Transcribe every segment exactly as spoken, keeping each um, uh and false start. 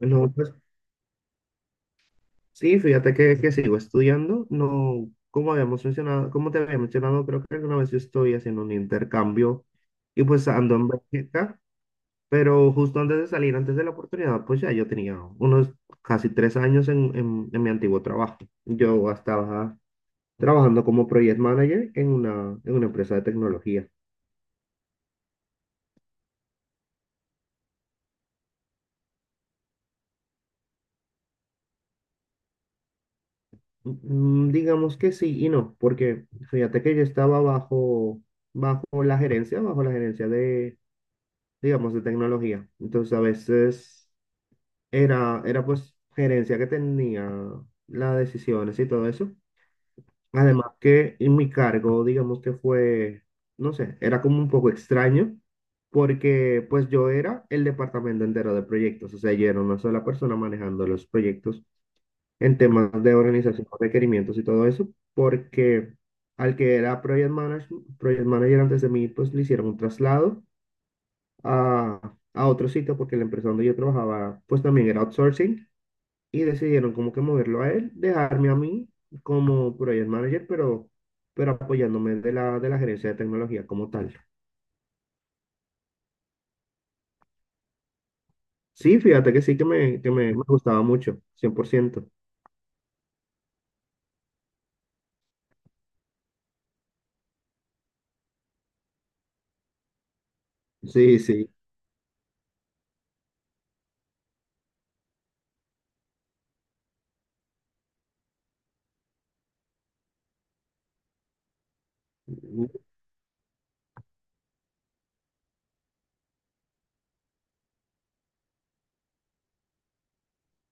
No, pues sí, fíjate que, que sigo estudiando. No, como habíamos mencionado, como te había mencionado, creo que alguna vez yo estoy haciendo un intercambio y pues ando en Bélgica, pero justo antes de salir, antes de la oportunidad, pues ya yo tenía unos casi tres años en, en, en mi antiguo trabajo. Yo estaba trabajando como project manager en una, en una empresa de tecnología. Mm, Digamos que sí y no, porque fíjate que yo estaba bajo, bajo la gerencia, bajo la gerencia de digamos, de tecnología. Entonces, a veces era, era pues gerencia que tenía las decisiones y todo eso. Además que en mi cargo, digamos que fue, no sé, era como un poco extraño, porque pues yo era el departamento entero de proyectos, o sea, yo era una sola persona manejando los proyectos en temas de organización, requerimientos y todo eso, porque al que era project manager, project manager antes de mí, pues le hicieron un traslado a, a otro sitio porque la empresa donde yo trabajaba pues también era outsourcing y decidieron como que moverlo a él, dejarme a mí como project manager, pero, pero apoyándome de la, de la gerencia de tecnología como tal. Sí, fíjate que sí que me, que me, me gustaba mucho, cien por ciento. Sí, sí. Mm,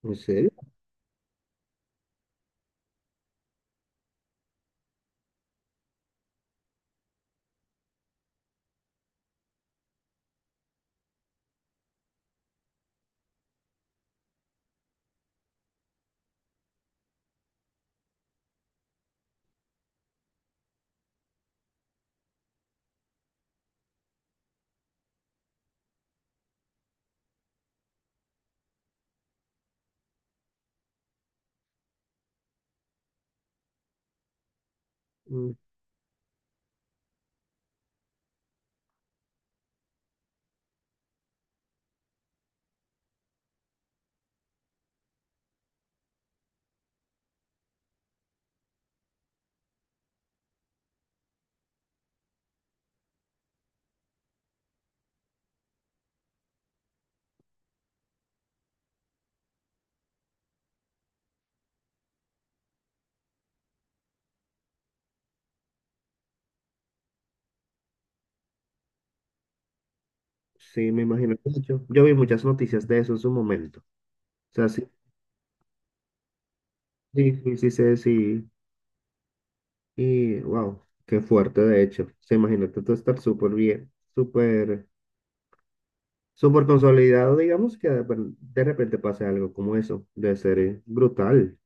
¿En serio? Mm, Sí, me imagino que mucho. Yo vi muchas noticias de eso en su momento. O sea, sí, sí, sí, sí, sé, sí. Y wow, qué fuerte, de hecho. Se imagina tú estar súper bien, súper súper consolidado, digamos, que de, de repente pase algo como eso. Debe ser eh, brutal.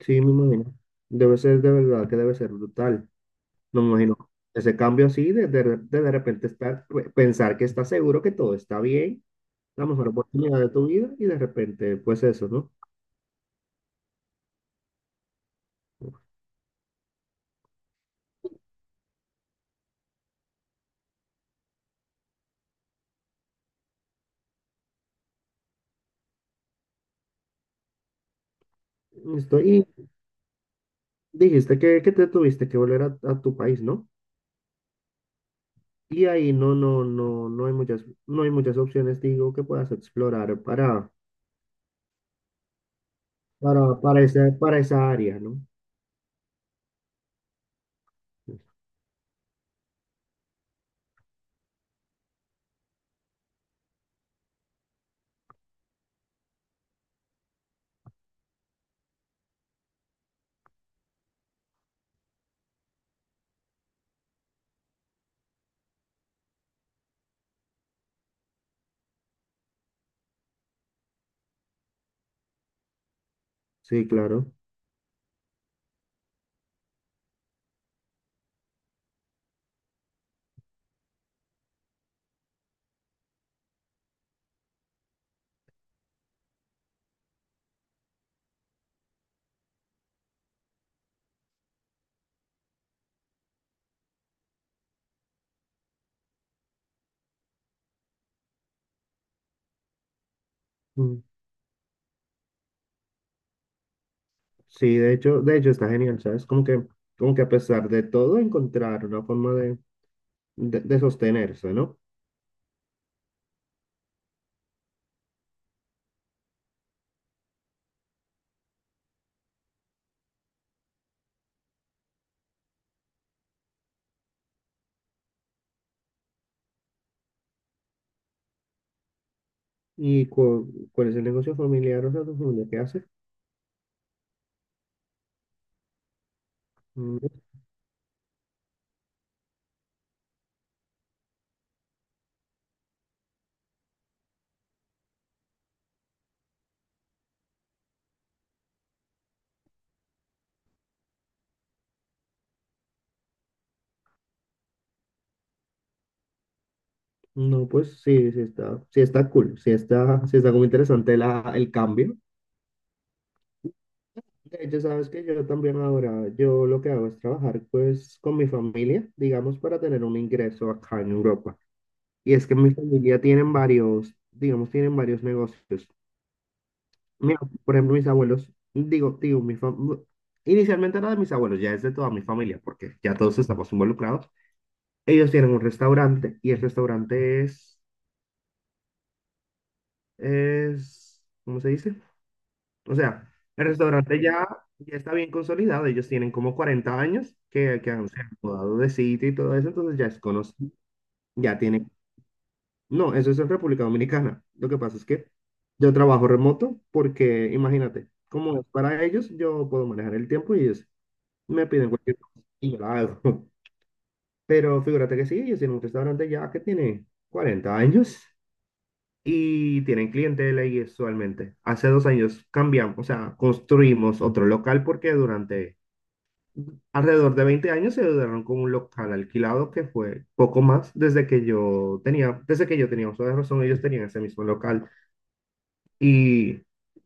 Sí, me imagino. Debe ser de verdad que debe ser brutal. No me imagino. Ese cambio así, de, de, de de repente estar, pe- pensar que estás seguro que todo está bien, la mejor oportunidad de tu vida, y de repente, pues eso, ¿no? Listo. Y dijiste que, que te tuviste que volver a, a tu país, ¿no? Y ahí no, no, no, no hay muchas, no hay muchas opciones, digo, que puedas explorar para, para, para esa, para esa área, ¿no? Sí, claro. Mm. Sí, de hecho, de hecho está genial, ¿sabes? Como que, como que a pesar de todo, encontrar una forma de, de, de sostenerse, ¿no? ¿Y cu- cuál es el negocio familiar? O sea, tu familia, ¿qué hace? Mm, No, pues sí, sí está, sí está cool, sí está, sí está como interesante la, el cambio. De hecho, sabes que yo también ahora, yo lo que hago es trabajar pues con mi familia, digamos, para tener un ingreso acá en Europa. Y es que mi familia tienen varios, digamos, tienen varios negocios. Mira, por ejemplo, mis abuelos, digo, digo, mi fam- inicialmente era de mis abuelos, ya es de toda mi familia, porque ya todos estamos involucrados. Ellos tienen un restaurante y el restaurante es, es, ¿cómo se dice? O sea, el restaurante ya, ya está bien consolidado, ellos tienen como cuarenta años que, que han, se han mudado de sitio y todo eso, entonces ya es conocido, ya tienen, no, eso es en República Dominicana. Lo que pasa es que yo trabajo remoto porque, imagínate, como es para ellos, yo puedo manejar el tiempo y ellos me piden cualquier cosa y yo la hago. Pero figúrate que sí, ellos tienen un restaurante ya que tiene cuarenta años y tienen clientela y usualmente. Hace dos años cambiamos, o sea, construimos otro local porque durante alrededor de veinte años se duraron con un local alquilado que fue poco más desde que yo tenía, desde que yo tenía uso de razón, ellos tenían ese mismo local. Y,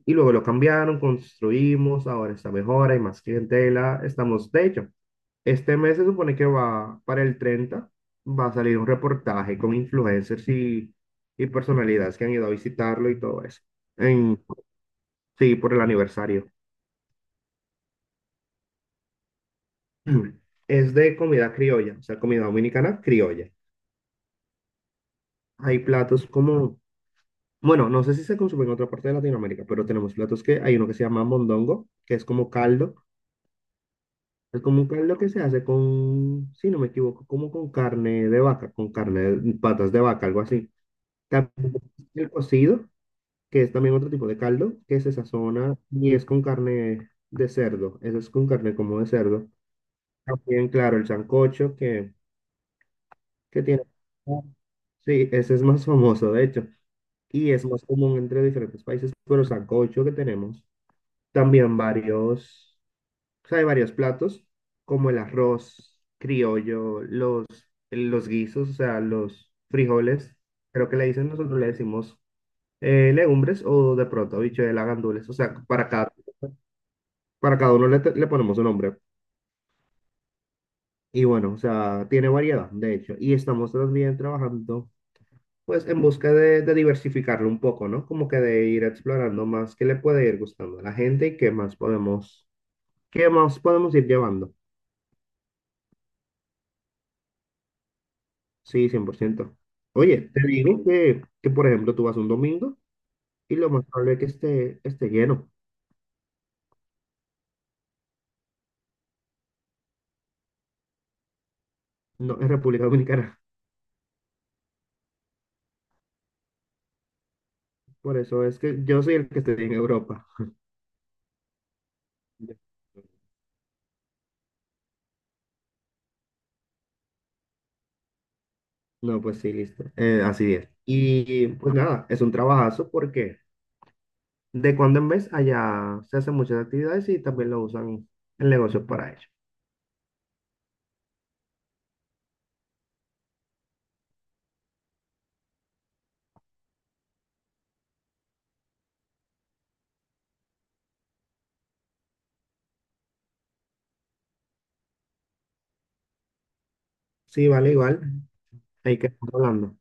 y luego lo cambiaron, construimos, ahora está mejor, hay más clientela, estamos, de hecho, este mes se supone que va para el treinta, va a salir un reportaje con influencers y, y personalidades que han ido a visitarlo y todo eso. En, sí, por el aniversario. Mm. Es de comida criolla, o sea, comida dominicana criolla. Hay platos como, bueno, no sé si se consume en otra parte de Latinoamérica, pero tenemos platos que hay uno que se llama mondongo, que es como caldo. Es como un caldo que se hace con, si no me equivoco, como con carne de vaca, con carne de patas de vaca, algo así. También el cocido, que es también otro tipo de caldo, que se sazona y es con carne de cerdo. Eso es con carne como de cerdo. También, claro, el sancocho que, que tiene. Sí, ese es más famoso, de hecho, y es más común entre diferentes países, pero sancocho que tenemos. También varios. O sea, hay varios platos, como el arroz criollo, los, los guisos, o sea, los frijoles, creo que le dicen, nosotros le decimos eh, legumbres o de pronto habichuelas, gandules, o sea, para cada, para cada uno le, te- le ponemos un nombre. Y bueno, o sea, tiene variedad, de hecho, y estamos también trabajando, pues, en busca de, de diversificarlo un poco, ¿no? Como que de ir explorando más qué le puede ir gustando a la gente y qué más podemos, qué más podemos ir llevando. Sí, cien por ciento. Oye, te digo que, que, por ejemplo, tú vas un domingo y lo más probable es que esté, esté lleno, no en República Dominicana. Por eso es que yo soy el que estoy en Europa. No, pues sí, listo. Eh, así es. Y pues nada, es un trabajazo porque de cuando en vez allá se hacen muchas actividades y también lo usan en negocios para ello. Sí, vale, igual. Hay que estar hablando.